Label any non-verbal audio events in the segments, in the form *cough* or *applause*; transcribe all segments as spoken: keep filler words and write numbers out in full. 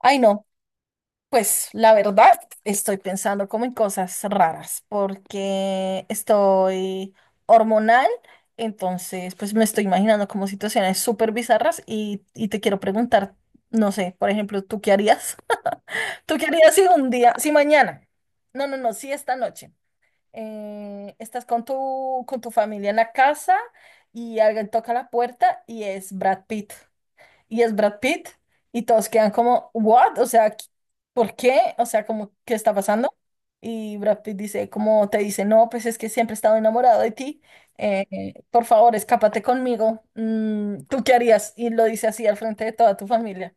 Ay, no, pues la verdad estoy pensando como en cosas raras porque estoy hormonal. Entonces pues me estoy imaginando como situaciones súper bizarras, y, y te quiero preguntar, no sé, por ejemplo, ¿tú qué harías? *laughs* ¿Tú qué harías si un día, si mañana, no, no, no, si esta noche, eh, estás con tu, con tu familia en la casa y alguien toca la puerta y es Brad Pitt? y es Brad Pitt y todos quedan como, ¿what? O sea, ¿qu- ¿por qué? O sea, como, ¿qué está pasando? Y Brad Pitt dice, como te dice, no, pues es que siempre he estado enamorado de ti, eh, por favor, escápate conmigo. Mm, ¿tú qué harías? Y lo dice así al frente de toda tu familia.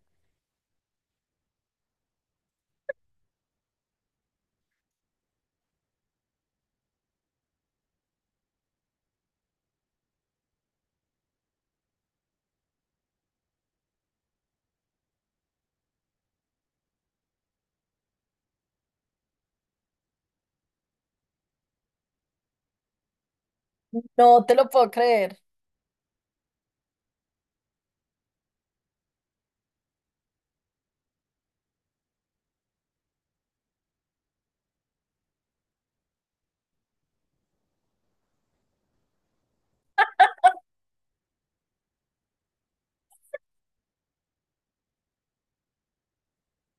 No te lo puedo creer.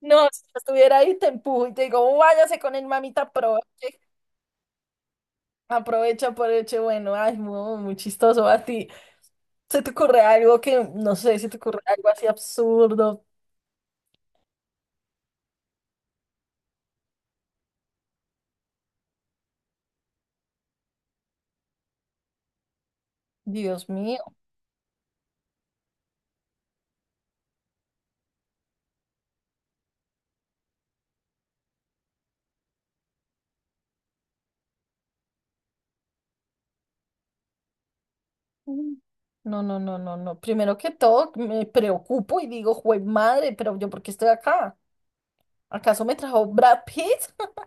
No, si yo estuviera ahí, te empujo y te digo, váyase con el mamita, aproveche, aprovecha, por hecho bueno. Ay, muy, muy chistoso a ti. ¿Se te ocurre algo que, no sé, se te ocurre algo así absurdo? Dios mío. Mm. No, no, no, no, no. Primero que todo, me preocupo y digo, jue madre, pero yo, ¿por qué estoy acá? ¿Acaso me trajo Brad Pitt? *laughs*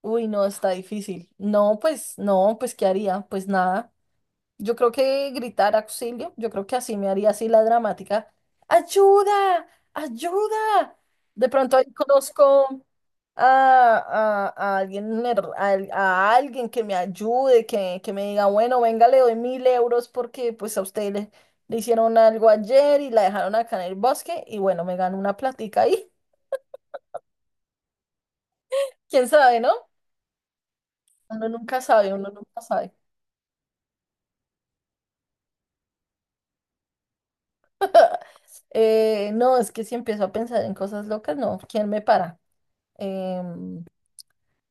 Uy, no, está difícil. No, pues, no, pues, ¿qué haría? Pues nada. Yo creo que gritar auxilio, yo creo que así me haría así la dramática. ¡Ayuda! ¡Ayuda! De pronto ahí conozco a, a- a alguien, her- al- a, alguien que me ayude, que, que me diga, bueno, venga, le doy mil euros porque pues a usted le, le hicieron algo ayer y la dejaron acá en el bosque. Y bueno, me gano una platica ahí. *laughs* ¿Quién sabe, no? Uno nunca sabe, uno nunca sabe. Eh, no, es que si empiezo a pensar en cosas locas, no, ¿quién me para? Em,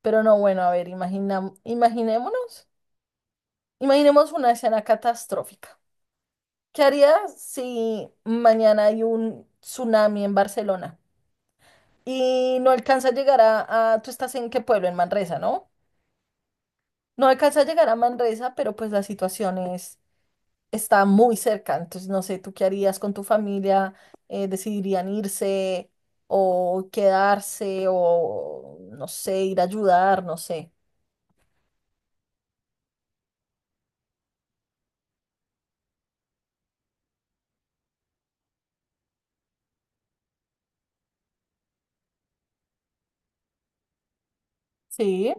pero no, bueno, a ver, imagina, imaginémonos, imaginemos una escena catastrófica. ¿Qué harías si mañana hay un tsunami en Barcelona y no alcanza a llegar a, a- tú estás en qué pueblo, en Manresa, ¿no? No alcanza a llegar a Manresa, pero pues la situación es, está muy cerca. Entonces, no sé, ¿tú qué harías con tu familia? Eh, ¿decidirían irse o quedarse o, no sé, ir a ayudar? No sé. Sí,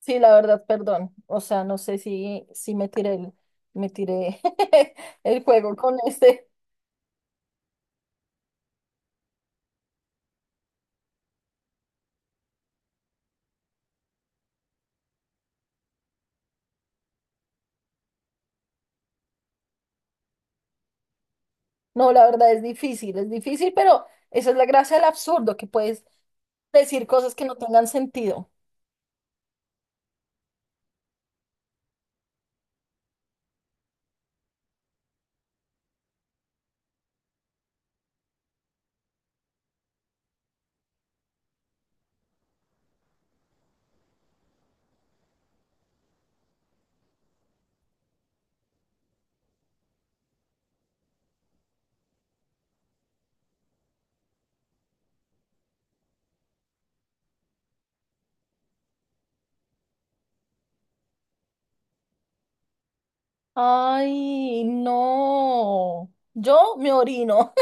sí, la verdad, perdón. O sea, no sé si, si me tiré el, me tiré *laughs* el juego con este. No, la verdad es difícil, es difícil, pero esa es la gracia del absurdo, que puedes decir cosas que no tengan sentido. Ay, no. Yo me orino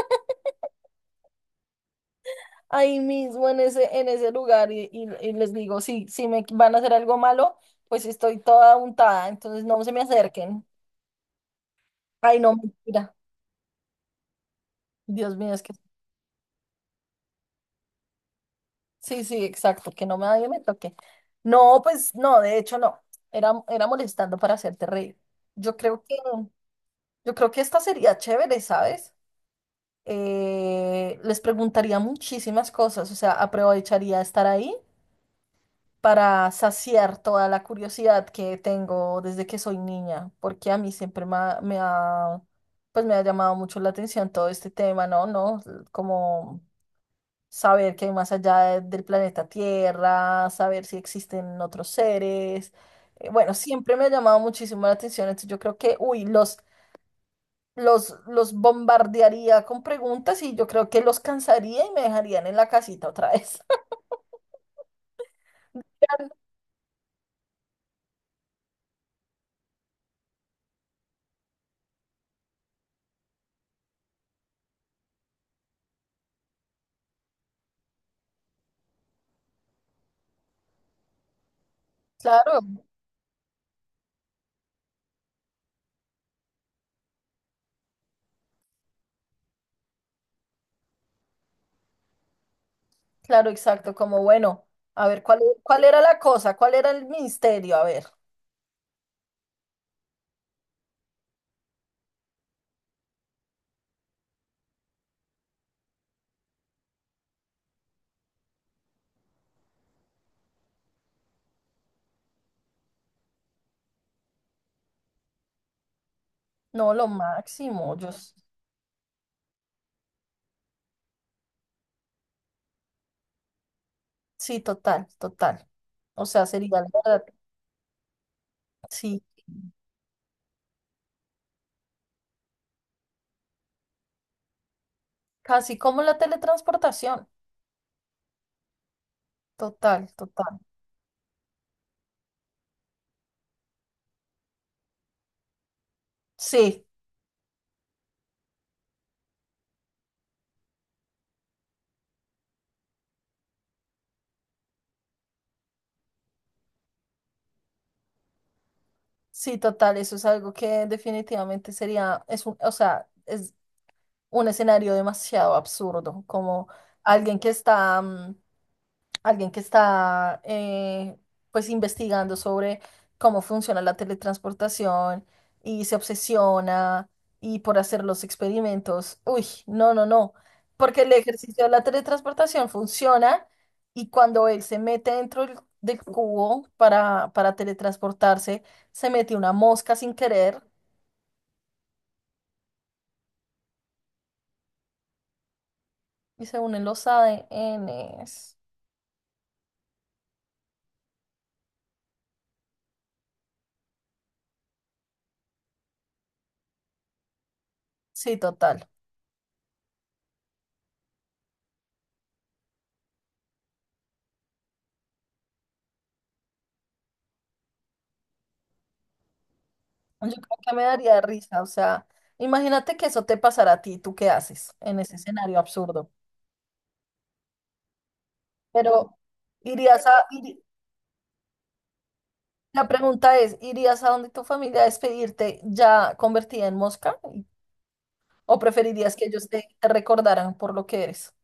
*laughs* ahí mismo en ese, en ese lugar y, y- y les digo, si, si me van a hacer algo malo, pues estoy toda untada, entonces no se me acerquen. Ay, no, mentira. Dios mío, es que sí, sí, exacto, que no me nadie me toque. No, pues no, de hecho no. Era, era molestando para hacerte reír. Yo creo que yo creo que esta sería chévere, ¿sabes? Eh, les preguntaría muchísimas cosas, o sea, aprovecharía estar ahí para saciar toda la curiosidad que tengo desde que soy niña, porque a mí siempre me ha, me ha, pues me ha llamado mucho la atención todo este tema, ¿no? ¿No? Como saber qué hay más allá de- del planeta Tierra, saber si existen otros seres. Eh, bueno, siempre me ha llamado muchísimo la atención, entonces yo creo que, uy, los... los, los bombardearía con preguntas y yo creo que los cansaría y me dejarían en la casita otra vez. *laughs* Claro, claro, exacto, como bueno, a ver, ¿cuál, e- ¿cuál era la cosa? ¿Cuál era el misterio? A ver, no, lo máximo. Yo s- sí, total, total. O sea, sería la verdad, sí, casi como la teletransportación, total, total. Sí, sí, total, eso es algo que definitivamente sería, es un, o sea, es un escenario demasiado absurdo, como alguien que está, mm, alguien que está eh, pues investigando sobre cómo funciona la teletransportación y se obsesiona y por hacer los experimentos. Uy, no, no, no, porque el ejercicio de la teletransportación funciona y cuando él se mete dentro del, del cubo para, para teletransportarse, se mete una mosca sin querer y se unen los A D N s. Sí, total. Yo creo que me daría risa, o sea, imagínate que eso te pasara a ti, ¿tú qué haces en ese escenario absurdo? Pero irías a, iri- la pregunta es, ¿irías a donde tu familia a despedirte ya convertida en mosca? ¿O preferirías que ellos te, te recordaran por lo que eres?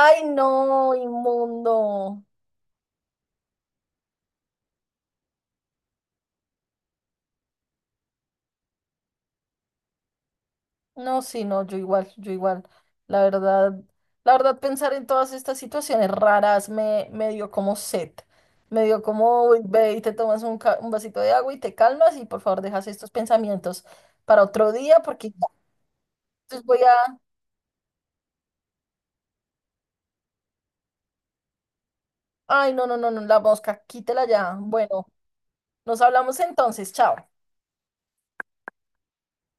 Ay, no, inmundo. No, sí, no, yo igual, yo igual. La verdad, la verdad, pensar en todas estas situaciones raras me, me dio como sed. Me dio como, "Uy, ve y te tomas un, ca- un vasito de agua y te calmas y por favor dejas estos pensamientos para otro día porque ya, entonces voy a...". Ay, no, no, no, no, la mosca, quítela ya. Bueno, nos hablamos entonces, chao.